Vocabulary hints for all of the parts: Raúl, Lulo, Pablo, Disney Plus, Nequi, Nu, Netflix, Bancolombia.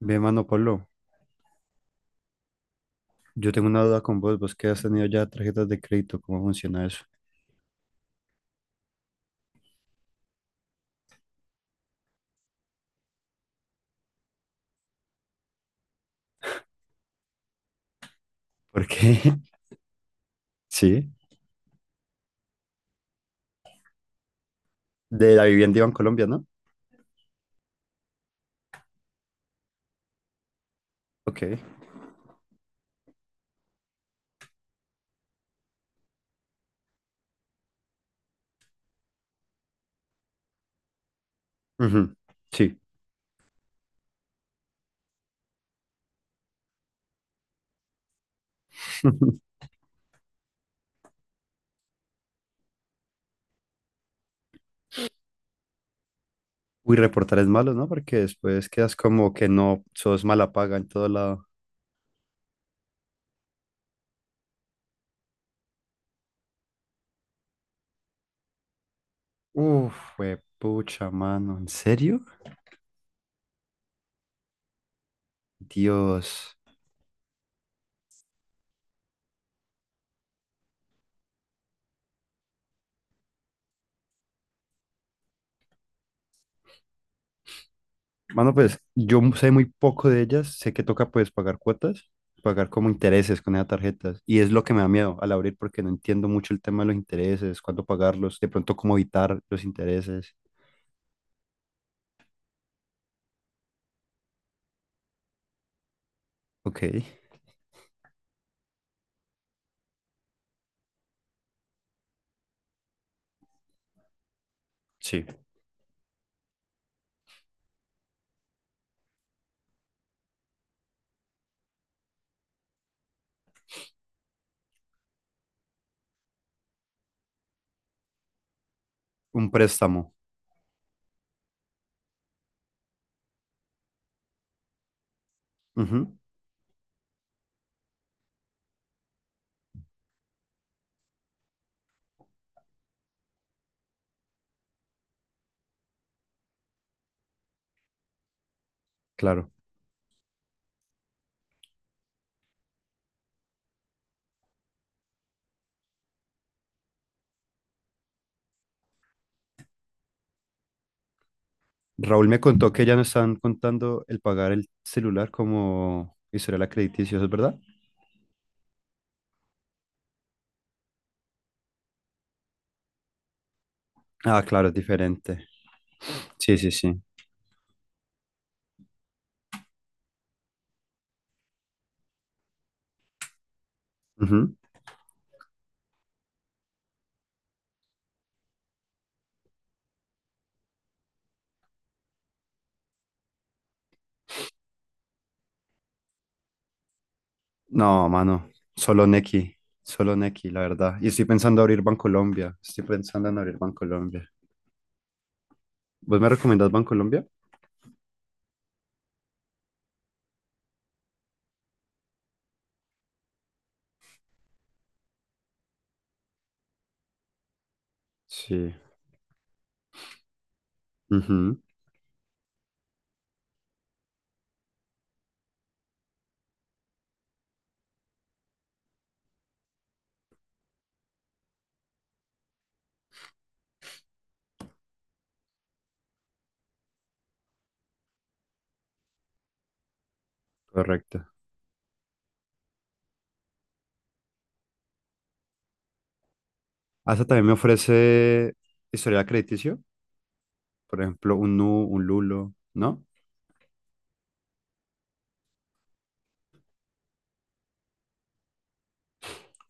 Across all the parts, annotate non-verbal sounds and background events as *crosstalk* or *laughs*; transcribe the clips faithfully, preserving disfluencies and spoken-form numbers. Ve, mano Pablo, yo tengo una duda con vos, vos que has tenido ya tarjetas de crédito, ¿cómo funciona eso? Porque, *laughs* sí, de la vivienda iba en Colombia, ¿no? Ok, ujú, sí. *laughs* Uy, reportar es malo, ¿no? Porque después quedas como que no, sos mala paga en todo lado. Uf, fue pucha, mano, ¿en serio? Dios. Mano, pues yo sé muy poco de ellas, sé que toca pues pagar cuotas, pagar como intereses con esas tarjetas y es lo que me da miedo al abrir porque no entiendo mucho el tema de los intereses, cuándo pagarlos, de pronto cómo evitar los intereses. Ok, sí, un préstamo. Ujú, claro. Raúl me contó que ya no están contando el pagar el celular como historial crediticio, ¿eso es verdad? Ah, claro, es diferente. Sí, sí, sí. Ujú. No, mano, solo Nequi, solo Nequi, la verdad. Y estoy pensando abrir Bancolombia, estoy pensando en abrir Bancolombia. ¿Vos me recomendás Bancolombia? Sí, ujú, correcto. Hasta también me ofrece historial crediticio, por ejemplo, un Nu, un Lulo, ¿no?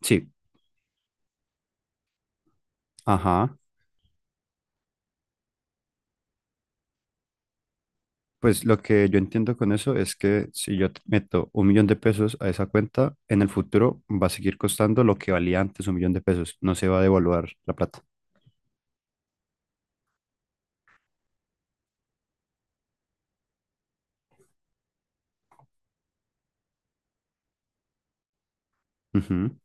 Sí, ajá. Pues lo que yo entiendo con eso es que si yo te meto un millón de pesos a esa cuenta, en el futuro va a seguir costando lo que valía antes un millón de pesos, no se va a devaluar la plata. Ujú,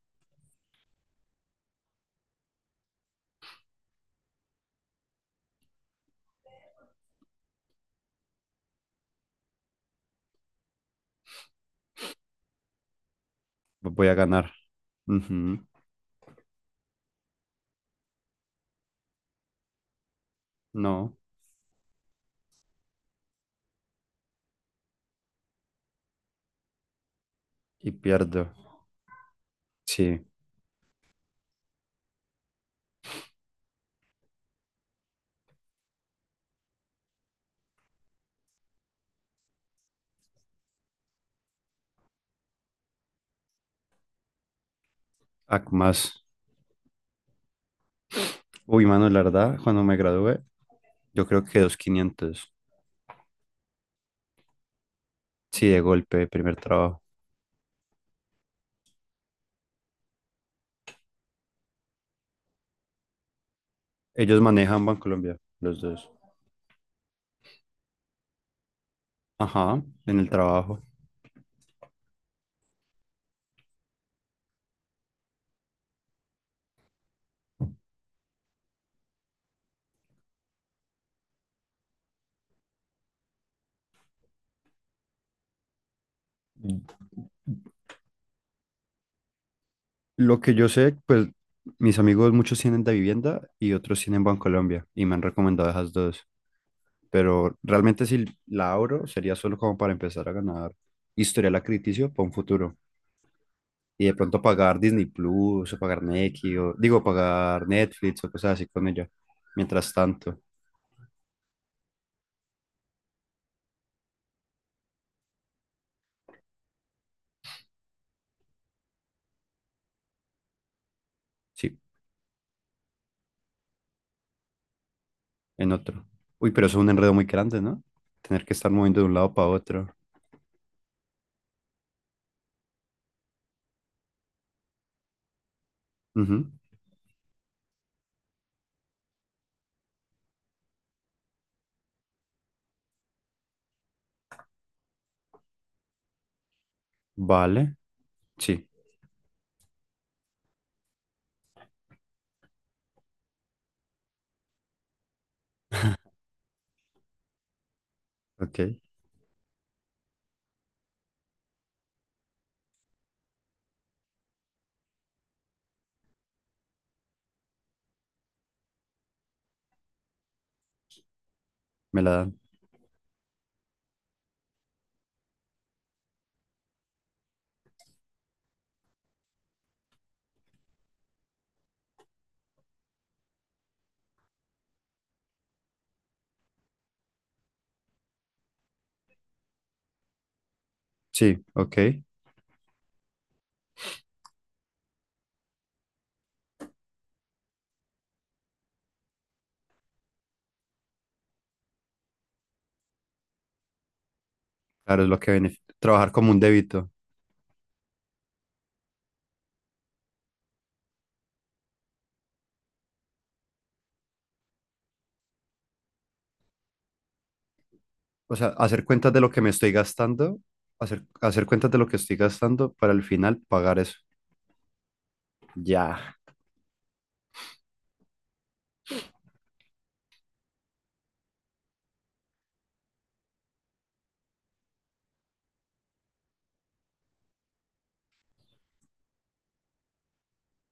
voy a ganar. Ujú. No, y pierdo. Sí, ac- más. Uy, mano, la verdad, cuando me gradué, yo creo que dos quinientos. Sí, de golpe, primer trabajo. Ellos manejan Bancolombia, los dos. Ajá, en el trabajo. Lo que yo sé, pues mis amigos muchos tienen de vivienda y otros tienen Bancolombia y me han recomendado esas dos. Pero realmente si la abro sería solo como para empezar a ganar historial crítico para un futuro. Y de pronto pagar Disney Plus o pagar Nequi o digo pagar Netflix o cosas así con ella. Mientras tanto, sí, en otro. Uy, pero eso es un enredo muy grande, ¿no? Tener que estar moviendo de un lado para otro. Ujú. Vale, sí, ok, me la dan. Sí, ok. Claro, es lo que beneficia. Trabajar como un débito. O sea, hacer cuentas de lo que me estoy gastando, hacer, hacer cuentas de lo que estoy gastando para al final pagar eso. Ya.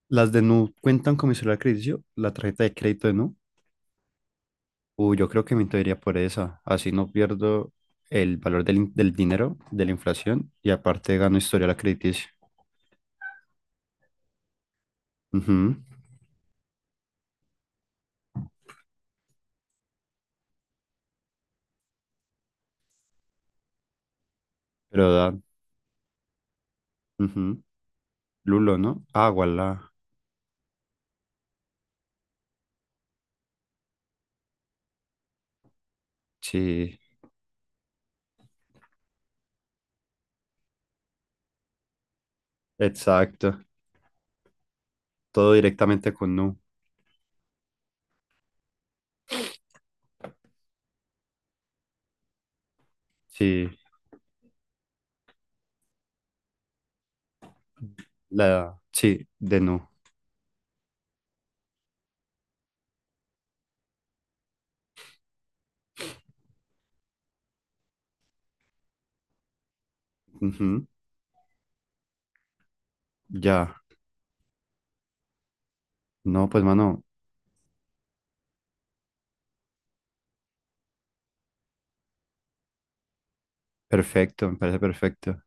Las de Nu cuentan con mi celular crediticio, la tarjeta de crédito de Nu. Uy, yo creo que me entraría por esa. Así no pierdo el valor del, in- del dinero, de la inflación, y aparte gano historial crediticio. Ujú. Pero da. Ujú. Lulo, ¿no? Ah, voilà. Sí, exacto. Todo directamente con Nu. Sí. La, sí, de no. Ujú, ya. No, pues, mano, perfecto, me parece perfecto.